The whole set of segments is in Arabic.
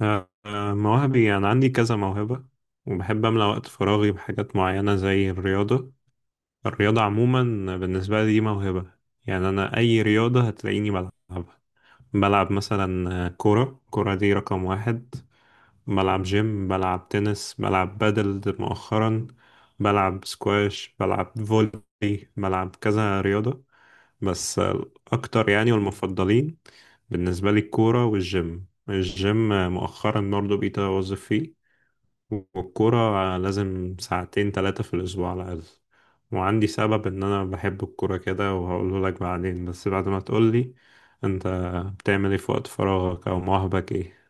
مواهبي أنا عندي كذا موهبة وبحب أملأ وقت فراغي بحاجات معينة زي الرياضة عموما بالنسبة لي دي موهبة. يعني أنا أي رياضة هتلاقيني بلعبها. بلعب مثلا كورة. الكورة دي رقم واحد. بلعب جيم، بلعب تنس، بلعب بادل مؤخرا، بلعب سكواش، بلعب فولي، بلعب كذا رياضة. بس الأكتر يعني والمفضلين بالنسبة لي الكورة والجيم. الجيم مؤخرا برضه بقيت أوظف فيه. والكورة لازم ساعتين تلاتة في الأسبوع على الأقل. وعندي سبب إن أنا بحب الكورة كده وهقوله لك بعدين، بس بعد ما تقولي أنت. بتعمل إيه في وقت فراغك أو مواهبك إيه؟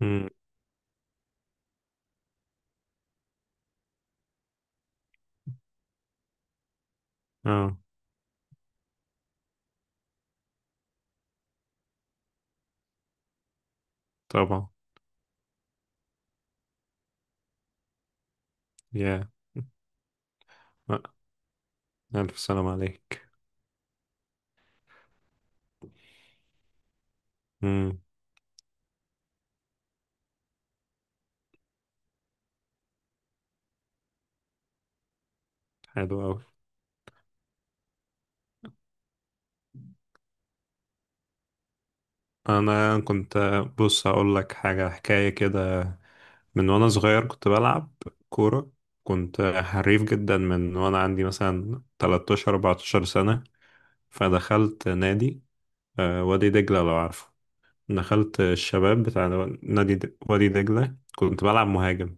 مم. مم. طبعا. يا لأ، ألف سلام عليك. امم. حلو أوي. أنا كنت. بص هقول لك حاجة حكاية كده. من وأنا صغير كنت بلعب كورة. كنت حريف جدا من وأنا عندي مثلا 13 14 سنة. فدخلت نادي، وادي دجلة لو عارفه. دخلت الشباب بتاع نادي وادي دجلة. كنت بلعب مهاجم.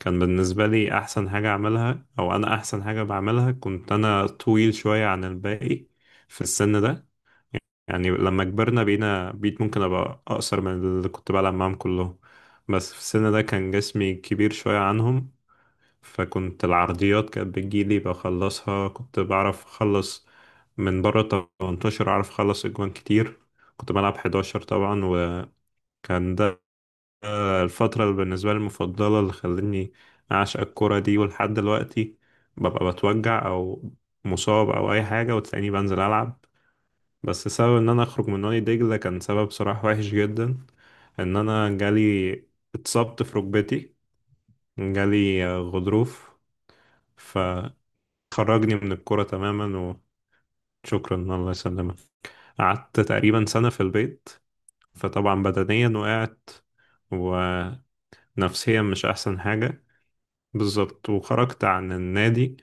كان بالنسبة لي أحسن حاجة أعملها أو أنا أحسن حاجة بعملها. كنت أنا طويل شوية عن الباقي في السن ده. يعني لما كبرنا بقينا بقيت ممكن أبقى أقصر من اللي كنت بلعب معاهم كلهم، بس في السن ده كان جسمي كبير شوية عنهم. فكنت العرضيات كانت بتجيلي بخلصها. كنت بعرف أخلص من بره 18، أعرف أخلص أجوان كتير. كنت بلعب 11 طبعا. وكان ده الفترة اللي بالنسبة لي المفضلة، اللي خلتني أعشق الكرة دي. ولحد دلوقتي ببقى بتوجع أو مصاب أو أي حاجة وتلاقيني بنزل ألعب. بس سبب إن أنا أخرج من نادي دجلة كان سبب صراحة وحش جدا. إن أنا جالي، اتصبت في ركبتي. جالي غضروف فخرجني من الكرة تماما. وشكرا، الله يسلمك. قعدت تقريبا سنة في البيت. فطبعا بدنيا وقعت ونفسيا مش أحسن حاجة. بالظبط. وخرجت عن النادي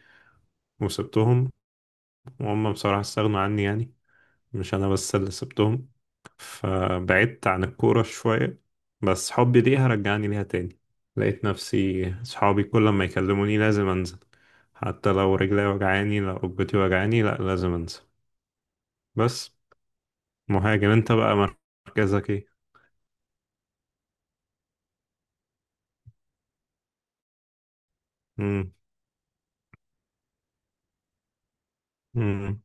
وسبتهم. وهم بصراحة استغنوا عني يعني، مش أنا بس اللي سبتهم. فبعدت عن الكورة شوية. بس حبي ليها رجعني ليها تاني. لقيت نفسي صحابي كل ما يكلموني لازم أنزل. حتى لو رجلي وجعاني لو ركبتي وجعاني لأ لازم أنزل. بس مهاجم أنت بقى، مركزك إيه؟ مم. مم.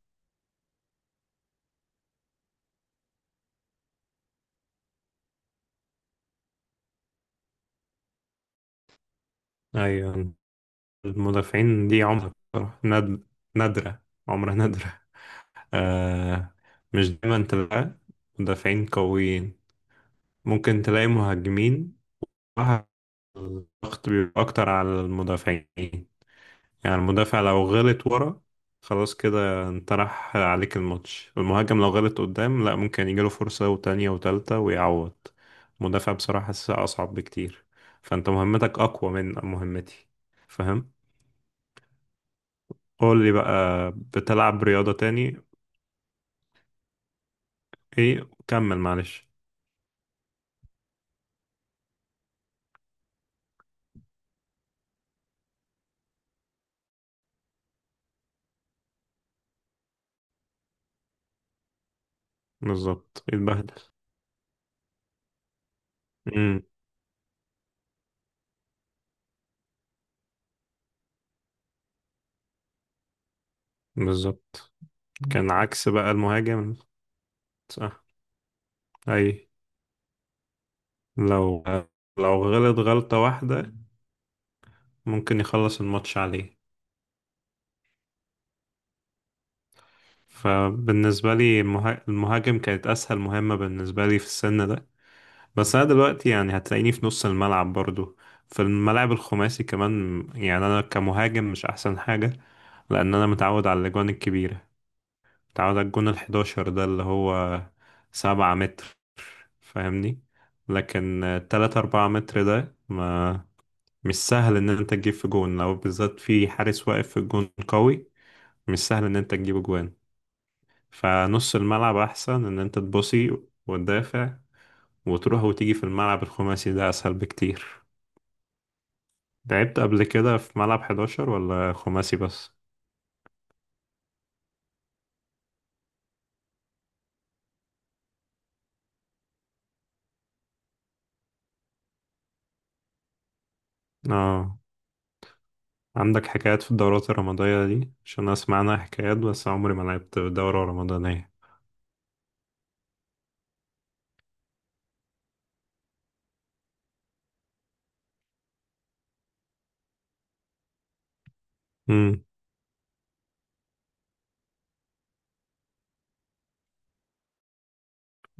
أيوة. المدافعين دي عمرها بصراحة نادرة. عمرها نادرة. آه. مش دايما تلاقي مدافعين قويين. ممكن تلاقي مهاجمين. صراحة الضغط بيبقى أكتر على المدافعين. يعني المدافع لو غلط ورا خلاص كده انت راح عليك الماتش. المهاجم لو غلط قدام لا، ممكن يجيله فرصة وتانية وتالتة ويعوض. المدافع بصراحة حاسسها أصعب بكتير. فأنت مهمتك أقوى من مهمتي، فاهم. قول لي بقى، بتلعب رياضة تاني ايه؟ كمل معلش. بالظبط، اتبهدل. بالظبط، كان عكس بقى المهاجم. صح. اي. لو لو غلط غلطة واحدة ممكن يخلص الماتش عليه. فبالنسبة لي المهاجم كانت أسهل مهمة بالنسبة لي في السن ده. بس أنا دلوقتي يعني هتلاقيني في نص الملعب برضو. في الملاعب الخماسي كمان يعني أنا كمهاجم مش أحسن حاجة، لأن أنا متعود على الأجوان الكبيرة. تعادل الجون الحداشر ده اللي هو 7 متر، فاهمني. لكن تلاتة أربعة متر ده ما، مش سهل إن أنت تجيب في جون لو بالذات في حارس واقف في الجون قوي. مش سهل إن أنت تجيب جوان. فنص الملعب أحسن إن أنت تبصي وتدافع وتروح وتيجي. في الملعب الخماسي ده أسهل بكتير. لعبت قبل كده في ملعب حداشر ولا خماسي بس؟ اه. عندك حكايات في الدورات الرمضانية دي عشان أسمع عنها حكايات، بس عمري ما لعبت دورة رمضانية. امم.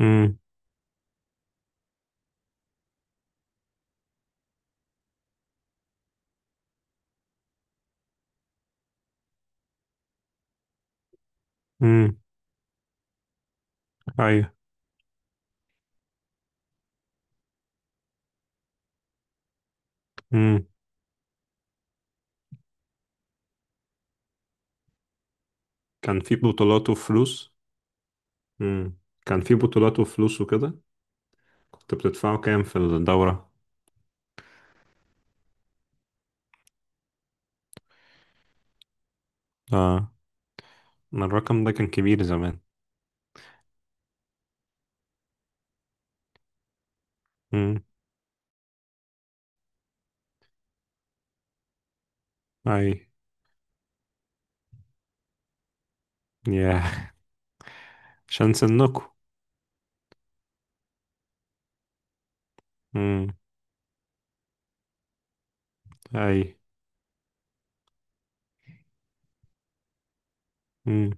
امم. امم. أيوة. امم. كان في بطولات وفلوس. امم. كان في بطولات وفلوس وكده. كنت بتدفعوا كام في الدورة؟ اه. أنا الرقم ده كان كبير زمان. امم. أي. ياه. عشان سنكوا. امم. أي. امم.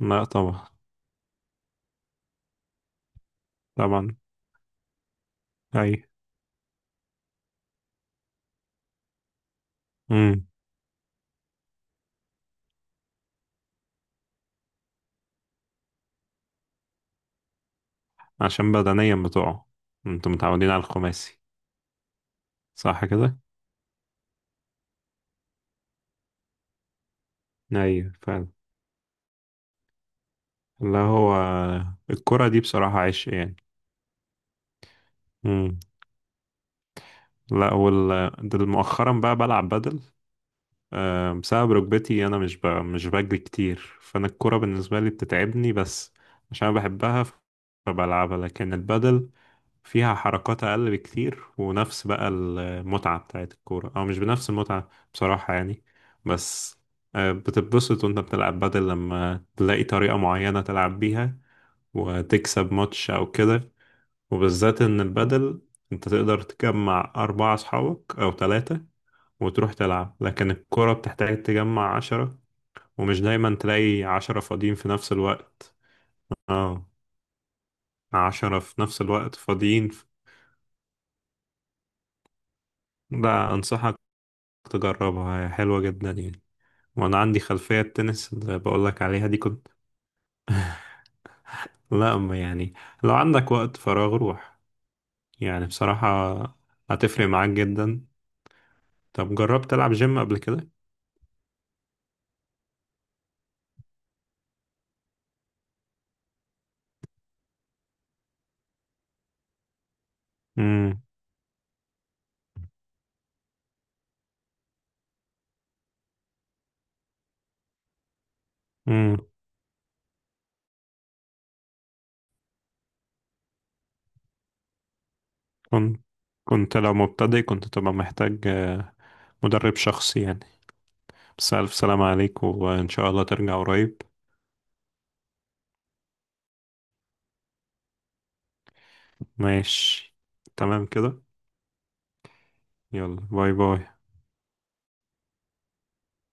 لا طبعا. طبعا. أي. امم. عشان بدنيا بتوعه، انتوا متعودين على الخماسي. صح كده؟ ايوه فعلا. لا هو الكرة دي بصراحة عشق يعني. مم. لا ده مؤخرا بقى بلعب بدل بسبب ركبتي. أنا مش مش بجري كتير. فأنا الكرة بالنسبة لي بتتعبني، بس عشان أنا بحبها فبلعبها. لكن البدل فيها حركات أقل بكتير، ونفس بقى المتعة بتاعت الكورة. أو مش بنفس المتعة بصراحة يعني. بس بتتبسط وأنت بتلعب بدل لما تلاقي طريقة معينة تلعب بيها وتكسب ماتش أو كده. وبالذات ان البدل انت تقدر تجمع اربعة اصحابك او ثلاثة وتروح تلعب. لكن الكرة بتحتاج تجمع 10. ومش دايما تلاقي 10 فاضيين في نفس الوقت. اه. 10 في نفس الوقت فاضيين. لا انصحك تجربها، هي حلوة جدا يعني. وانا عندي خلفية التنس اللي بقولك عليها دي كنت. لا أما يعني لو عندك وقت فراغ روح. يعني بصراحة هتفرق معاك جدا. طب جربت تلعب جيم قبل كده؟ امم. كنت كنت لو مبتدئ كنت تبقى محتاج مدرب شخصي يعني. بس ألف سلامة عليك وإن شاء الله ترجع قريب. ماشي. تمام كده. يلا باي باي.